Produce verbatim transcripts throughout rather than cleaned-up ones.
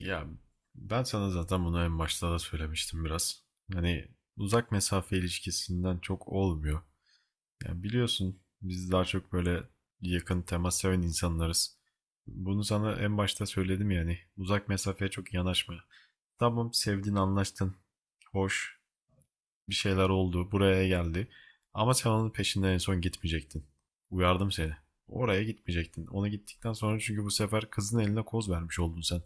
Ya ben sana zaten bunu en başta da söylemiştim biraz. Hani uzak mesafe ilişkisinden çok olmuyor. Yani biliyorsun biz daha çok böyle yakın temas seven insanlarız. Bunu sana en başta söyledim yani. Uzak mesafeye çok yanaşma. Tamam, sevdin anlaştın. Hoş bir şeyler oldu, buraya geldi. Ama sen onun peşinden en son gitmeyecektin. Uyardım seni. Oraya gitmeyecektin. Ona gittikten sonra çünkü bu sefer kızın eline koz vermiş oldun sen.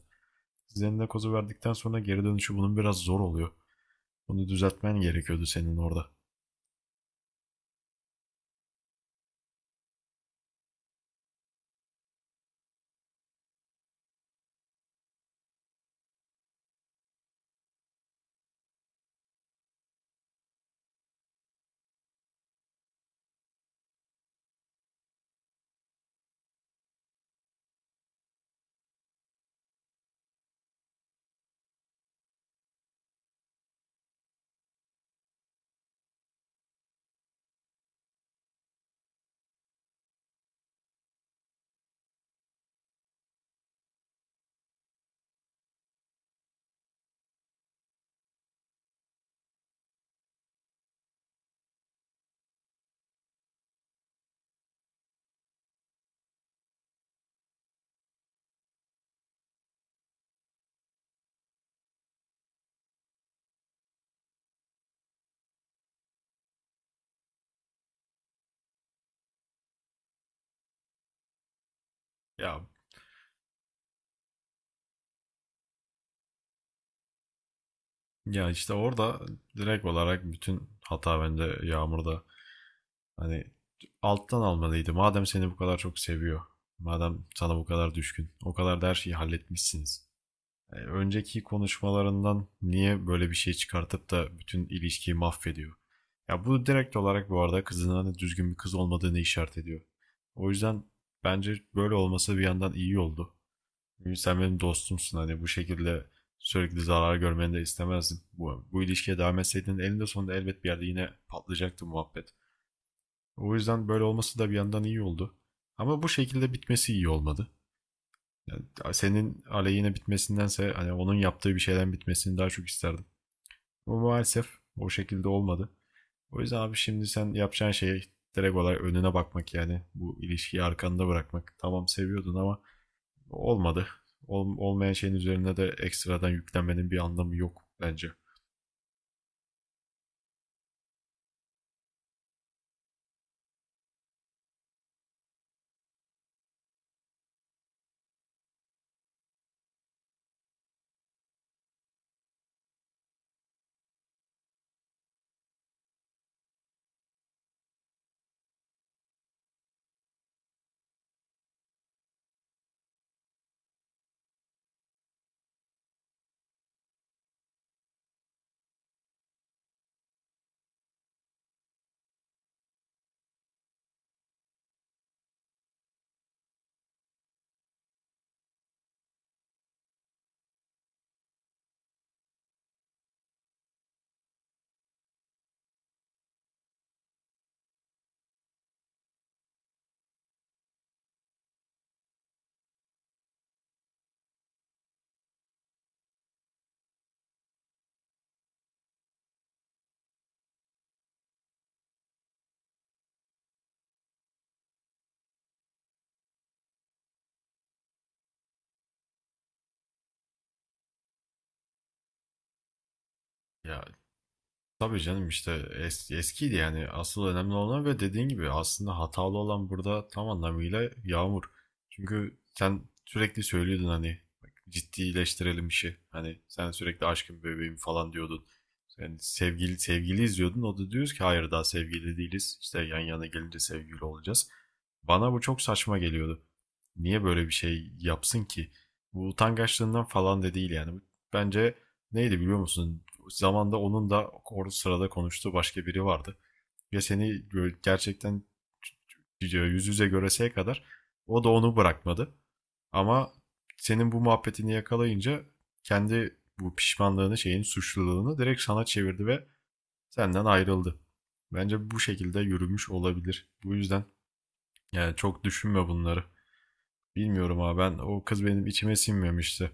Zendakos'u verdikten sonra geri dönüşü bunun biraz zor oluyor. Bunu düzeltmen gerekiyordu senin orada. Ya ya işte orada direkt olarak bütün hata bende, Yağmur'da. Hani alttan almalıydı. Madem seni bu kadar çok seviyor. Madem sana bu kadar düşkün. O kadar da her şeyi halletmişsiniz. E, önceki konuşmalarından niye böyle bir şey çıkartıp da bütün ilişkiyi mahvediyor? Ya bu direkt olarak bu arada kızının hani düzgün bir kız olmadığını işaret ediyor. O yüzden bence böyle olması bir yandan iyi oldu. Sen benim dostumsun, hani bu şekilde sürekli zarar görmeni de istemezdim. Bu, bu ilişkiye devam etseydin elinde sonunda elbet bir yerde yine patlayacaktı muhabbet. O yüzden böyle olması da bir yandan iyi oldu. Ama bu şekilde bitmesi iyi olmadı. Yani senin aleyhine bitmesindense hani onun yaptığı bir şeyden bitmesini daha çok isterdim. Ama maalesef o şekilde olmadı. O yüzden abi şimdi sen yapacağın şey direkt olarak önüne bakmak yani. Bu ilişkiyi arkanda bırakmak. Tamam, seviyordun ama olmadı. Ol- olmayan şeyin üzerine de ekstradan yüklenmenin bir anlamı yok bence. Ya tabii canım, işte es- eskiydi, yani asıl önemli olan ve dediğin gibi aslında hatalı olan burada tam anlamıyla Yağmur. Çünkü sen sürekli söylüyordun hani, bak, ciddileştirelim işi. Hani sen sürekli aşkım, bebeğim falan diyordun. Yani sevgili sevgili izliyordun. O da diyoruz ki hayır, daha sevgili değiliz. İşte yan yana gelince sevgili olacağız. Bana bu çok saçma geliyordu. Niye böyle bir şey yapsın ki? Bu utangaçlığından falan da değil yani. Bence, neydi biliyor musun, zamanda onun da orada sırada konuştuğu başka biri vardı. Ve seni gerçekten yüz yüze göreseye kadar o da onu bırakmadı. Ama senin bu muhabbetini yakalayınca kendi bu pişmanlığını, şeyin, suçluluğunu direkt sana çevirdi ve senden ayrıldı. Bence bu şekilde yürümüş olabilir. Bu yüzden yani çok düşünme bunları. Bilmiyorum abi, ben o kız benim içime sinmemişti.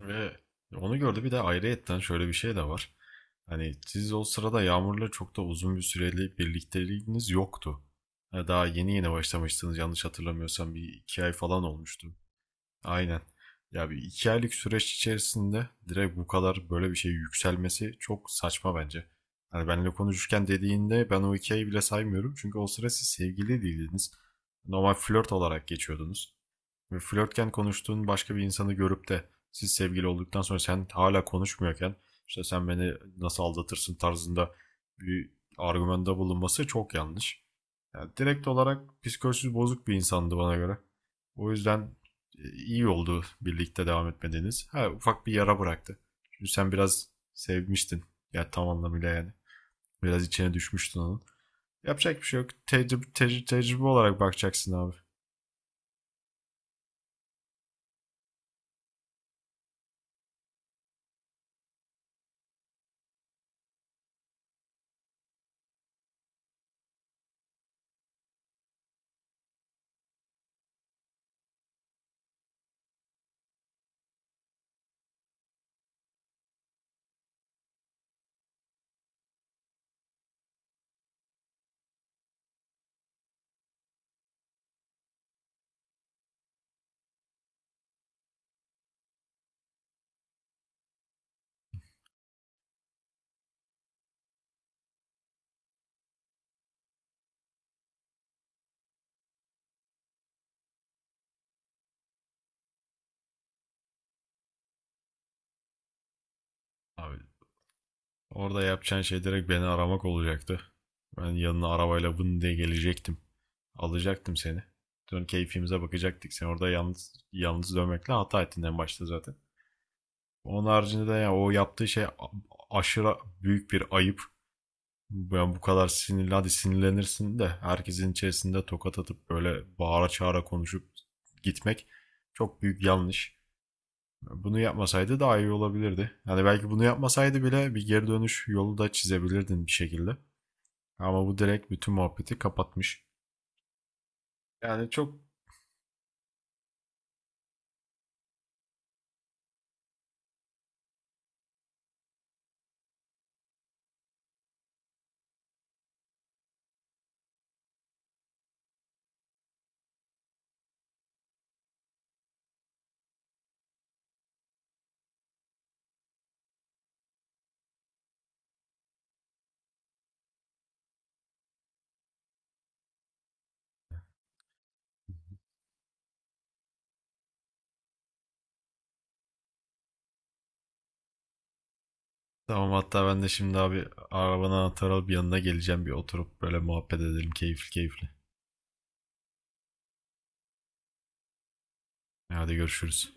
Ve onu gördü, bir de ayrıyetten şöyle bir şey de var. Hani siz o sırada Yağmur'la çok da uzun bir süreli birlikteliğiniz yoktu. Ha, daha yeni yeni başlamıştınız, yanlış hatırlamıyorsam bir iki ay falan olmuştu. Aynen. Ya bir iki aylık süreç içerisinde direkt bu kadar böyle bir şey yükselmesi çok saçma bence. Hani benimle konuşurken dediğinde ben o iki ayı bile saymıyorum. Çünkü o sıra siz sevgili değildiniz. Normal flört olarak geçiyordunuz. Ve flörtken konuştuğun başka bir insanı görüp de siz sevgili olduktan sonra sen hala konuşmuyorken işte sen beni nasıl aldatırsın tarzında bir argümanda bulunması çok yanlış. Yani direkt olarak psikolojisi bozuk bir insandı bana göre. O yüzden e, iyi oldu birlikte devam etmediğiniz. Ha, ufak bir yara bıraktı. Çünkü sen biraz sevmiştin. Ya tam anlamıyla yani. Biraz içine düşmüştün onun. Yapacak bir şey yok. Tecrübe, tecrübe tecrübe olarak bakacaksın abi. Abi, orada yapacağın şey direkt beni aramak olacaktı. Ben yanına arabayla vın diye gelecektim. Alacaktım seni. Dön, keyfimize bakacaktık. Sen orada yalnız yalnız dönmekle hata ettin en başta zaten. Onun haricinde de ya o yaptığı şey aşırı büyük bir ayıp. Yani bu kadar sinirli, hadi sinirlenirsin de herkesin içerisinde tokat atıp böyle bağıra çağıra konuşup gitmek çok büyük yanlış. Bunu yapmasaydı daha iyi olabilirdi. Yani belki bunu yapmasaydı bile bir geri dönüş yolu da çizebilirdin bir şekilde. Ama bu direkt bütün muhabbeti kapatmış. Yani çok, tamam, hatta ben de şimdi abi arabanın anahtarı alıp yanına geleceğim, bir oturup böyle muhabbet edelim keyifli keyifli. Hadi görüşürüz.